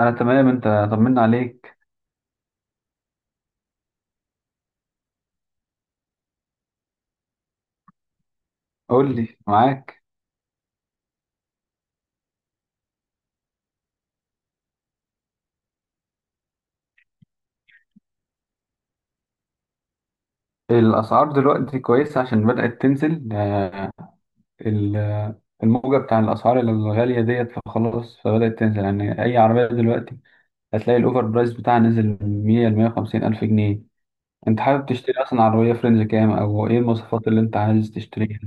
انا تمام. انت طمنا عليك؟ قول لي معاك. الاسعار دلوقتي كويسه عشان بدات تنزل يعني ال- الموجه بتاع الاسعار الغاليه ديت، فخلاص فبدات تنزل. يعني اي عربيه دلوقتي هتلاقي الاوفر برايس بتاعها نزل من 100 ل 150 الف جنيه. انت حابب تشتري اصلا عربيه فرنج كام او ايه المواصفات اللي انت عايز تشتريها؟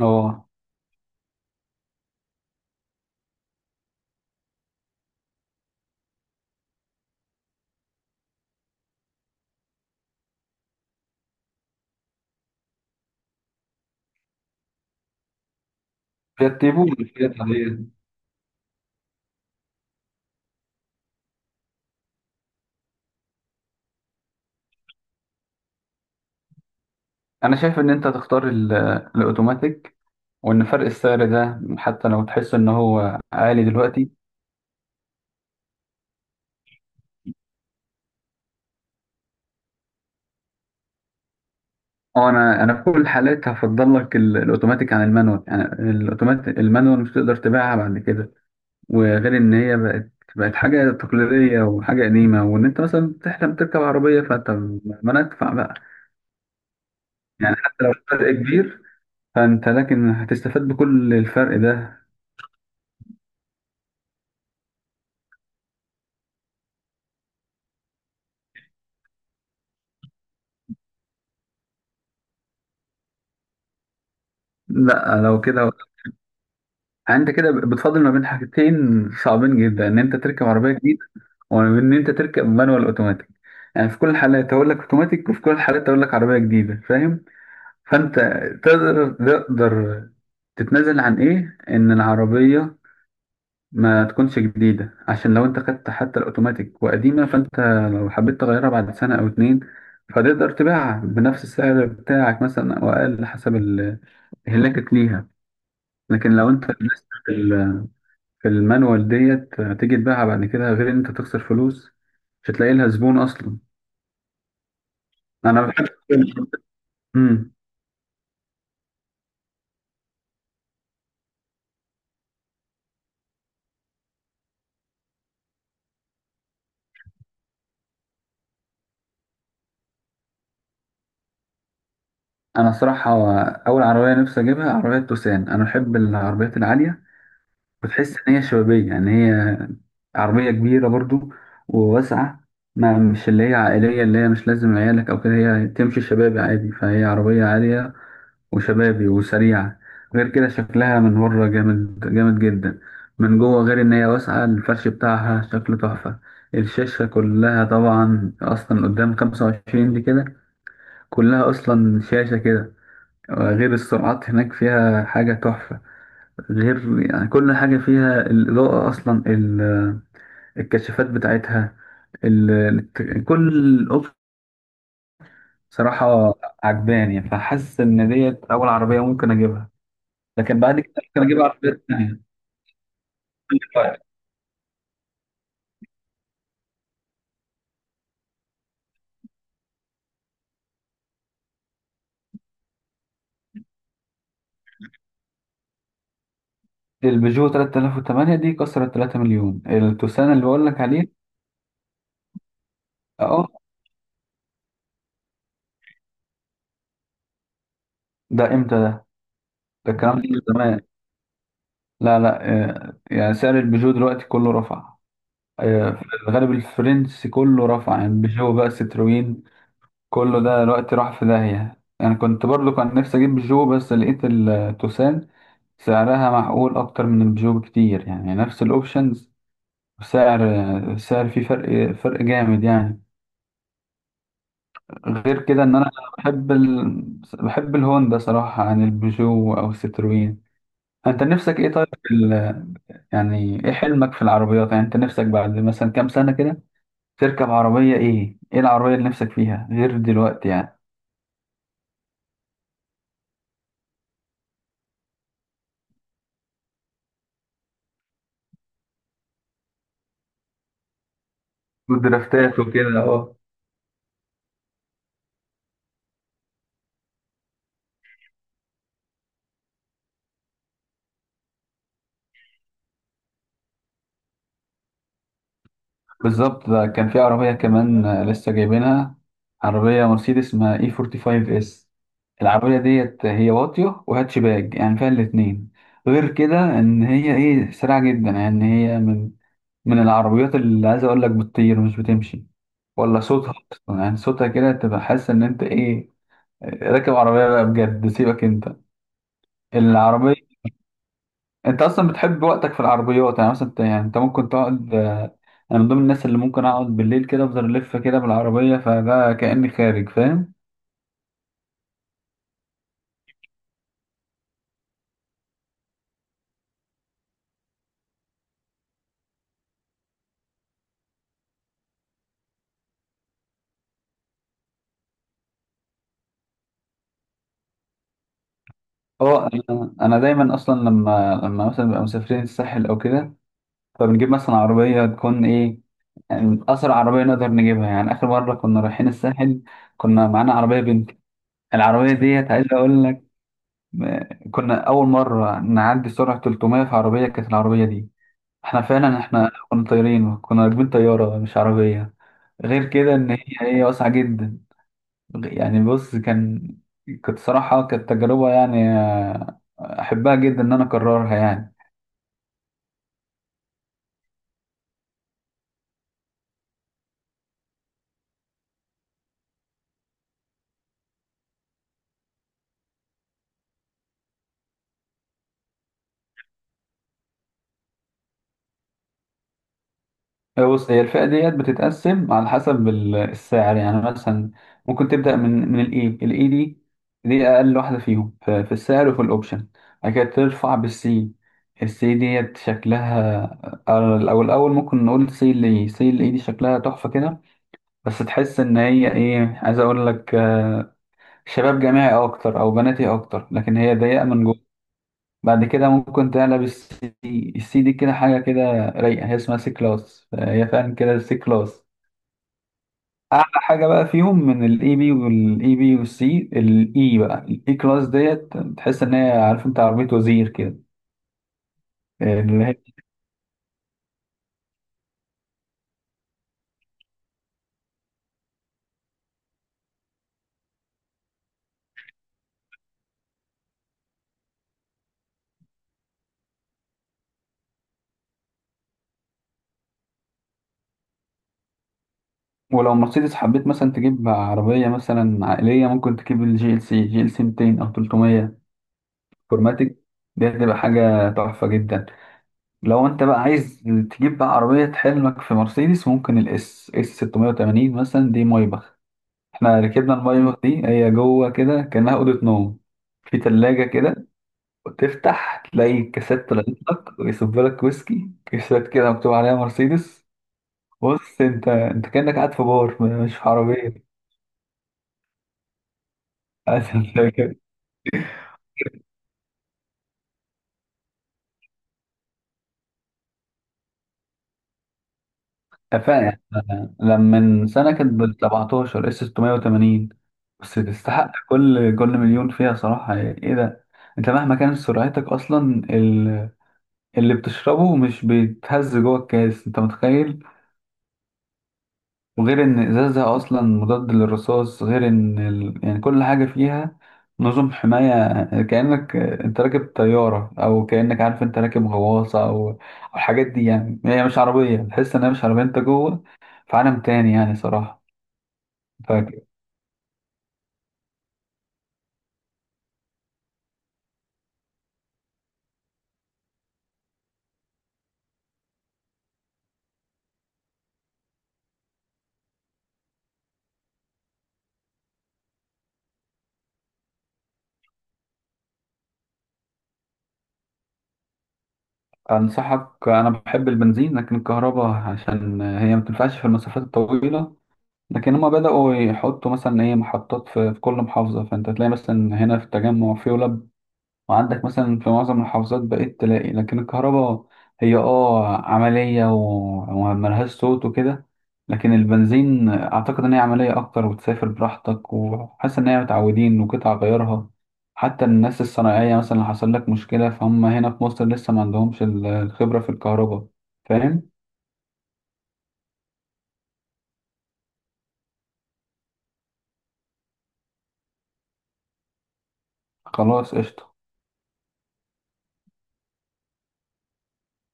اه، فيات تيبو ولا فيات عادية؟ انا شايف ان انت تختار الاوتوماتيك، وان فرق السعر ده حتى لو تحس ان هو عالي دلوقتي. اه، انا في كل الحالات هفضل لك الاوتوماتيك عن المانوال يعني. الاوتوماتيك المانوال مش تقدر تبيعها بعد كده، وغير ان هي بقت حاجه تقليديه وحاجه قديمه، وان انت مثلا تحلم تركب عربيه فانت ما ندفع بقى. يعني حتى لو الفرق كبير، فانت لكن هتستفاد بكل الفرق ده. لا لو كده، انت كده بتفاضل ما بين حاجتين صعبين جدا، ان انت تركب عربيه جديده وان ان انت تركب مانوال اوتوماتيك. يعني في كل الحالات هقول لك اوتوماتيك، وفي كل الحالات هقول لك عربيه جديده، فاهم؟ فانت تقدر تتنازل عن ايه؟ ان العربية ما تكونش جديدة، عشان لو انت خدت حتى الاوتوماتيك وقديمة، فانت لو حبيت تغيرها بعد سنة او اتنين فتقدر تبيعها بنفس السعر بتاعك مثلا او اقل، حسب اهلاكك ليها. لكن لو انت لسه في في المانوال ديت، هتيجي تبيعها بعد كده، غير ان انت تخسر فلوس، مش هتلاقي لها زبون اصلا. انا بحب انا الصراحه هو اول عربيه نفسي اجيبها عربيه توسان. انا بحب العربيات العاليه، وتحس ان هي شبابيه. يعني هي عربيه كبيره برضو وواسعه، ما مش اللي هي عائليه، اللي هي مش لازم عيالك او كده. هي تمشي شبابي عادي، فهي عربيه عاليه وشبابي وسريعه. غير كده شكلها من بره جامد جدا. من جوه غير ان هي واسعه، الفرش بتاعها شكله تحفه. الشاشه كلها طبعا اصلا قدام 25 دي كده، كلها اصلا شاشه كده. غير السرعات هناك فيها حاجة تحفة. غير يعني كل حاجة فيها، الإضاءة، أصلا الكشافات بتاعتها، ال... كل الأوبشن صراحة عجباني، فحاسس إن ديت أول عربية ممكن أجيبها. لكن بعد كده ممكن أجيب عربيات تانية. البيجو 3008 دي كسرت 3 مليون، التوسان اللي بقول لك عليه. اه. ده امتى ده؟ ده الكلام ده من زمان. لا لا آه، يعني سعر البيجو دلوقتي كله رفع. آه، في الغالب الفرنسي كله رفع، يعني بيجو بقى ستروين، كله ده دلوقتي راح في داهية. أنا كنت برضو كان نفسي أجيب بيجو، بس لقيت التوسان سعرها معقول أكتر من البيجو بكتير. يعني نفس الأوبشنز، سعر سعر فيه فرق جامد يعني. غير كده إن أنا بحب ال... بحب الهوندا صراحة عن البيجو أو الستروين. أنت نفسك إيه طيب في يعني إيه حلمك في العربيات؟ يعني أنت نفسك بعد مثلا كام سنة كده تركب عربية ايه؟ ايه العربية اللي نفسك فيها غير دلوقتي يعني؟ والدرافتات وكده اهو. بالظبط، ده كان في عربية كمان آه، لسه جايبينها، عربية مرسيدس اسمها اي 45 اس. العربية ديت هي واطية وهاتشباك، يعني فيها الاتنين. غير كده ان هي ايه، سريعة جدا. يعني هي من من العربيات اللي عايز اقول لك بتطير مش بتمشي. ولا صوتها اصلا، يعني صوتها كده تبقى حاسس ان انت ايه، راكب عربية بقى بجد. سيبك انت، العربية انت اصلا بتحب وقتك في العربيات. يعني مثلا انت- يعني انت ممكن تقعد انا من ضمن الناس اللي ممكن اقعد بالليل كده افضل الف كده بالعربيه، فده كاني خارج، فاهم. اه، انا دايما اصلا لما مثلا بنبقى مسافرين الساحل او كده، فبنجيب مثلا عربيه تكون ايه، يعني اسرع عربيه نقدر نجيبها. يعني اخر مره كنا رايحين الساحل كنا معانا عربيه بنتي. العربيه ديت عايز اقول لك آه، كنا اول مره نعدي سرعه 300 في عربيه، كانت العربيه دي احنا فعلا، احنا كنا طايرين، كنا راكبين طيارة مش عربية. غير كده ان هي واسعة جدا. يعني بص كان، كانت صراحة كانت تجربة يعني آه، احبها جدا ان انا اكررها يعني. هي بص، هي الفئة ديت بتتقسم على حسب السعر. يعني مثلا ممكن تبدأ من من الاي الاي دي. دي اقل واحدة فيهم في في السعر وفي الاوبشن. بعد كده ترفع بالسي، السي ديت شكلها آه، او الاول ممكن نقول سي، اللي سي اللي دي شكلها تحفة كده. بس تحس ان هي ايه، عايز اقول لك آه، شباب جامعي اكتر او بناتي اكتر، لكن هي ضيقه من جوه. بعد كده ممكن تقلب السي دي، السي دي كده حاجه كده رايقه، هي اسمها سي كلاس، هي فعلا كده السي كلاس. اعلى حاجه بقى فيهم من الاي بي، والاي بي والسي الاي بقى، الاي كلاس ديت تحس ان هي، عارف انت، عربيه وزير كده. اللي هي ولو مرسيدس حبيت مثلا تجيب عربيه مثلا عائليه، ممكن تجيب الجي ال سي، جي ال سي 200 او 300 فورماتيك. دي هتبقى حاجة تحفة جدا. لو انت بقى عايز تجيب بقى عربية حلمك في مرسيدس، ممكن الاس اس 680 مثلا، دي مايباخ. احنا ركبنا المايباخ دي، هي جوه كده كأنها أوضة نوم. في تلاجة كده، وتفتح تلاقي كاسات طلعت لك ويصب لك ويسكي، كاسات كده مكتوب عليها مرسيدس. بص انت، انت كأنك قاعد في بار مش في عربية. فاهم. لما من سنة كانت ب 17 اس 680. بس تستحق كل مليون فيها صراحة. يعني ايه ده، انت مهما كانت سرعتك اصلا اللي بتشربه مش بيتهز جوه الكاس، انت متخيل. وغير ان ازازها اصلا مضاد للرصاص، غير ان يعني كل حاجة فيها نظم حماية، كأنك انت راكب طيارة، او كأنك عارف، انت راكب غواصة، او الحاجات دي. يعني هي مش عربية، تحس انها مش عربية، انت جوه في عالم تاني يعني صراحة. فاكر، أنصحك. أنا بحب البنزين، لكن الكهرباء عشان هي ما تنفعش في المسافات الطويلة. لكن هما بدأوا يحطوا مثلا إيه، محطات في كل محافظة، فأنت تلاقي مثلا هنا في التجمع في، وعندك مثلا في معظم المحافظات بقيت تلاقي. لكن الكهرباء هي اه عملية وملهاش صوت وكده. لكن البنزين أعتقد إن هي عملية أكتر، وتسافر براحتك، وحاسس إن هي متعودين وقطع غيارها، حتى الناس الصناعية. مثلا لو حصل لك مشكلة فهم هنا في مصر لسه ما عندهمش الخبرة في الكهرباء، فاهم؟ خلاص، قشطة.